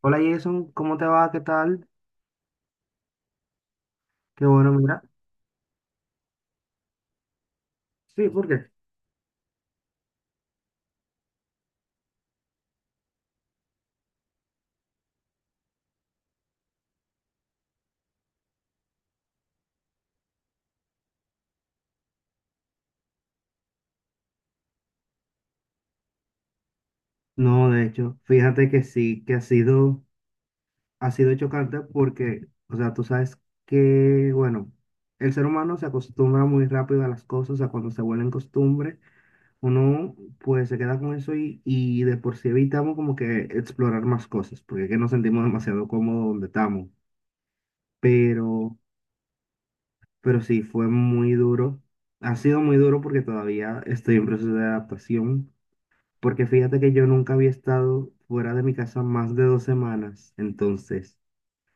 Hola Jason, ¿cómo te va? ¿Qué tal? Qué bueno, mira. Sí, ¿por qué? No, de hecho, fíjate que sí, que ha sido chocante porque, o sea, tú sabes que, bueno, el ser humano se acostumbra muy rápido a las cosas, o sea, cuando se vuelven costumbre, uno pues se queda con eso y de por sí evitamos como que explorar más cosas, porque es que nos sentimos demasiado cómodos donde estamos. Pero, pero sí, fue muy duro. Ha sido muy duro porque todavía estoy en proceso de adaptación. Porque fíjate que yo nunca había estado fuera de mi casa más de dos semanas. Entonces,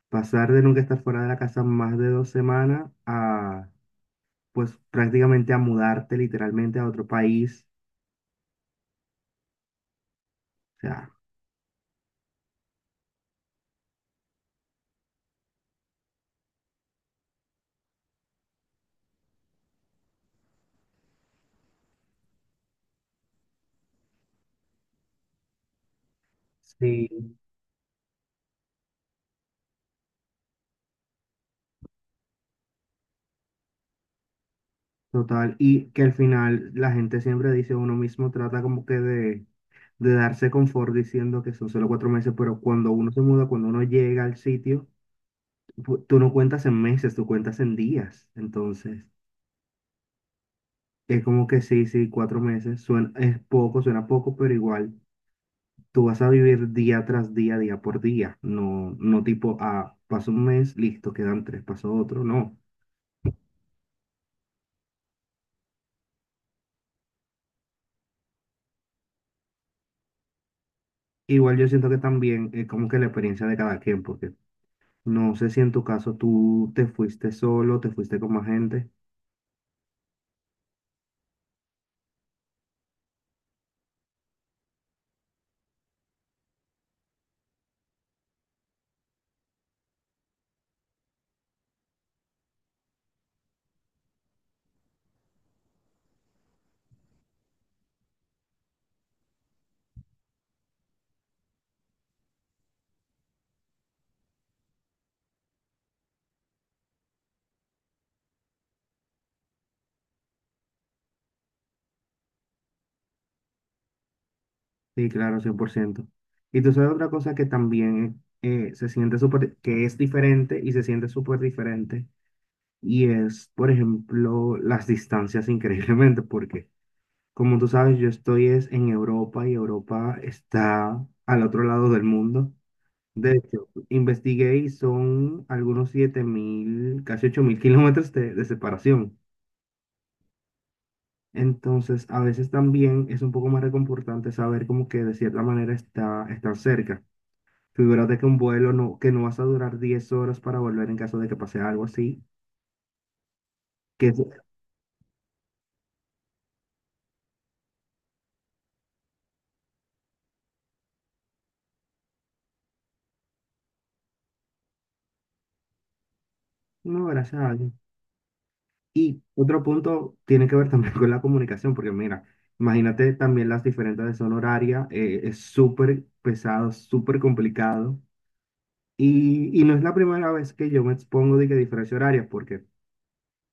pasar de nunca estar fuera de la casa más de dos semanas a, pues prácticamente a mudarte literalmente a otro país. O sea, sí, total. Y que al final la gente siempre dice, uno mismo trata como que de darse confort diciendo que son solo cuatro meses, pero cuando uno se muda, cuando uno llega al sitio, tú no cuentas en meses, tú cuentas en días. Entonces. Es como que sí, sí, cuatro meses. Suena, es poco, suena poco, pero igual tú vas a vivir día tras día, día por día. No, no tipo, ah, pasó un mes, listo, quedan tres, pasó otro. No. Igual yo siento que también es como que la experiencia de cada quien, porque no sé si en tu caso tú te fuiste solo, te fuiste con más gente. Sí, claro, cien por ciento. Y tú sabes otra cosa que también se siente súper, que es diferente y se siente súper diferente. Y es, por ejemplo, las distancias increíblemente, porque como tú sabes, yo estoy es en Europa y Europa está al otro lado del mundo. De hecho, investigué y son algunos 7.000 casi 8.000 kilómetros de separación. Entonces, a veces también es un poco más reconfortante saber como que de cierta manera están cerca. Figúrate que un vuelo no, que no vas a durar 10 horas para volver en caso de que pase algo así. Que es- no, gracias a Dios. Y otro punto tiene que ver también con la comunicación, porque mira, imagínate también las diferentes de zona horaria, es súper pesado, súper complicado. Y no es la primera vez que yo me expongo de que diferencia horaria, porque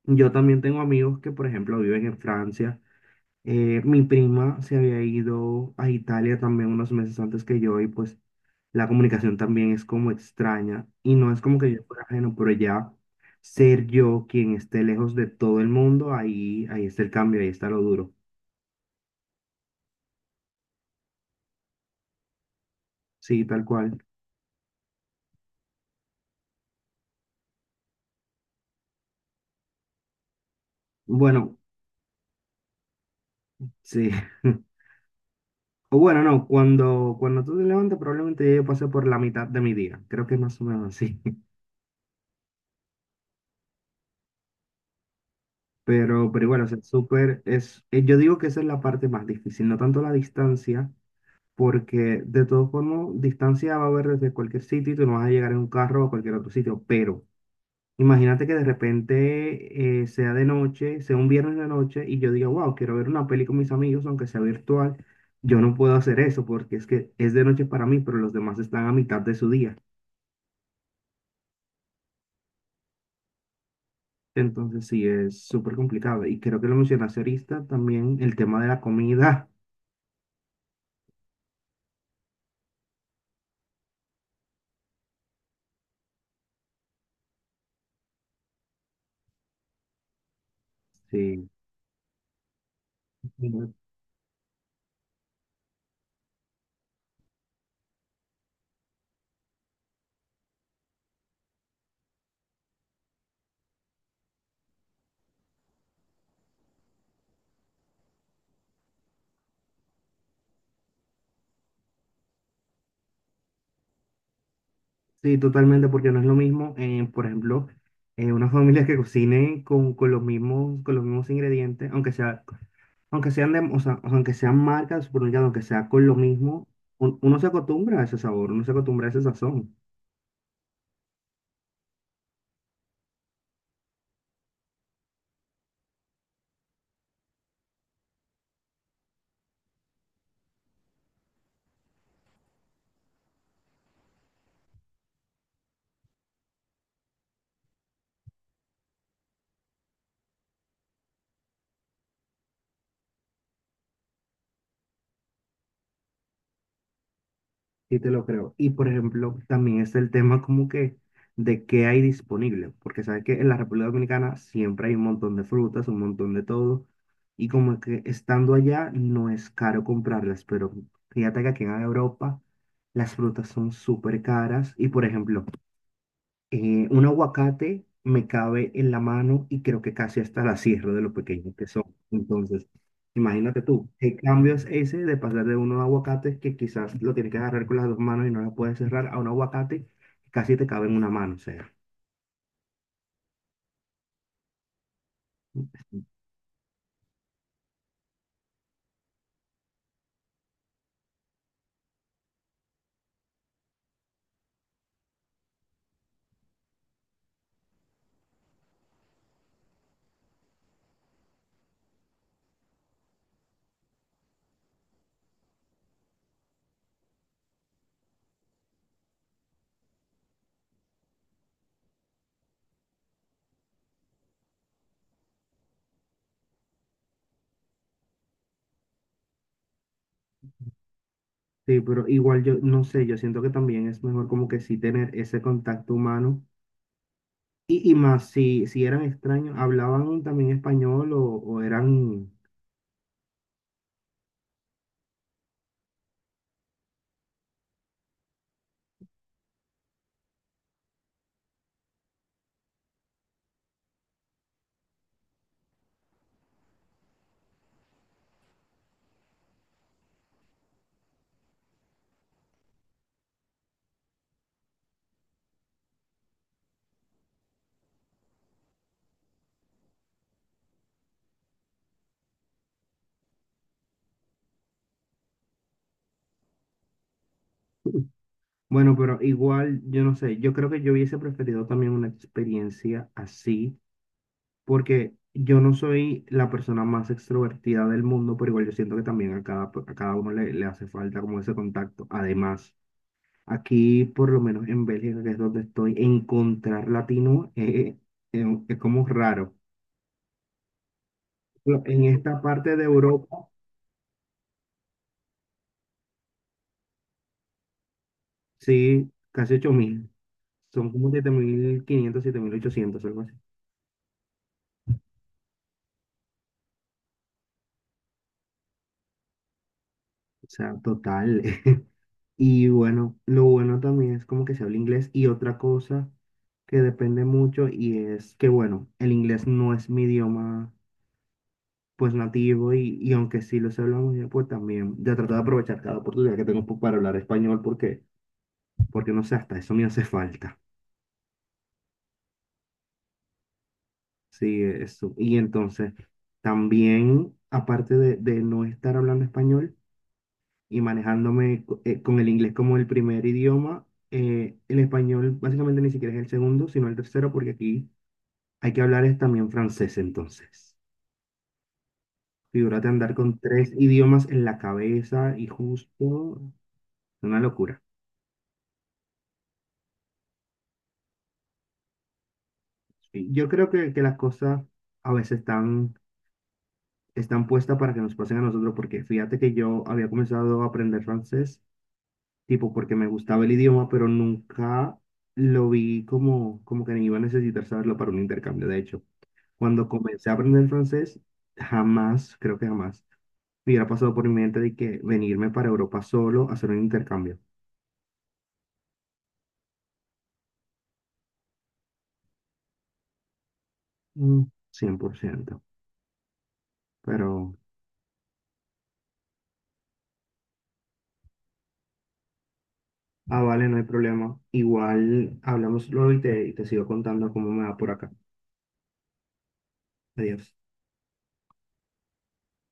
yo también tengo amigos que, por ejemplo, viven en Francia, mi prima se había ido a Italia también unos meses antes que yo y pues la comunicación también es como extraña y no es como que yo fuera ajeno, pero ya ser yo quien esté lejos de todo el mundo, ahí está el cambio, ahí está lo duro. Sí, tal cual. Bueno, sí. O bueno, no, cuando, tú te levantes probablemente ya yo pasé por la mitad de mi día, creo que es más o menos así. Pero igual, o sea, súper, yo digo que esa es la parte más difícil, no tanto la distancia porque de todos formas, distancia va a haber desde cualquier sitio y tú no vas a llegar en un carro a cualquier otro sitio, pero imagínate que de repente sea de noche, sea un viernes de noche y yo diga, wow, quiero ver una peli con mis amigos, aunque sea virtual, yo no puedo hacer eso porque es que es de noche para mí, pero los demás están a mitad de su día. Entonces sí, es súper complicado. Y creo que lo mencionaste ahorita también, el tema de la comida. Sí. Sí, totalmente, porque no es lo mismo, por ejemplo, unas familias que cocinen con los mismos, con los mismos ingredientes, aunque sea, aunque sean de, o sea, aunque sean marcas del supermercado, aunque sea con lo mismo, uno se acostumbra a ese sabor, uno se acostumbra a ese sazón. Sí, te lo creo. Y por ejemplo, también es el tema como que de qué hay disponible, porque sabes que en la República Dominicana siempre hay un montón de frutas, un montón de todo, y como que estando allá no es caro comprarlas, pero fíjate que aquí en Europa las frutas son súper caras y por ejemplo, un aguacate me cabe en la mano y creo que casi hasta la cierro de lo pequeños que son. Entonces, imagínate tú, el cambio es ese de pasar de unos aguacates que quizás lo tienes que agarrar con las dos manos y no la puedes cerrar a un aguacate que casi te cabe en una mano, o sea. Sí, pero igual yo no sé, yo siento que también es mejor como que sí tener ese contacto humano y más si, eran extraños, hablaban también español o eran. Bueno, pero igual, yo no sé, yo creo que yo hubiese preferido también una experiencia así, porque yo no soy la persona más extrovertida del mundo, pero igual yo siento que también a cada uno le hace falta como ese contacto. Además, aquí, por lo menos en Bélgica, que es donde estoy, encontrar latino es como raro. En esta parte de Europa, sí, casi ocho mil, son como siete mil quinientos, siete mil 7.800, algo así. O sea, total. Y bueno, lo bueno también es como que se habla inglés. Y otra cosa que depende mucho y es que, bueno, el inglés no es mi idioma pues nativo y aunque sí lo sé hablar muy bien, pues también ya trato de aprovechar cada oportunidad que tengo pues, para hablar español porque no sé, hasta eso me hace falta. Sí, eso. Y entonces, también, aparte de, no estar hablando español, y manejándome con el inglés como el primer idioma. El español básicamente ni siquiera es el segundo, sino el tercero, porque aquí hay que hablar es también francés, entonces. Figúrate andar con tres idiomas en la cabeza y justo, una locura. Sí, yo creo que, las cosas a veces están puestas para que nos pasen a nosotros, porque fíjate que yo había comenzado a aprender francés, tipo porque me gustaba el idioma, pero nunca lo vi como que ni iba a necesitar saberlo para un intercambio, de hecho. Cuando comencé a aprender francés, jamás, creo que jamás, me hubiera pasado por mi mente de que venirme para Europa solo a hacer un intercambio. Mm, 100%. Pero, ah, vale, no hay problema. Igual hablamos luego y te sigo contando cómo me va por acá. Adiós.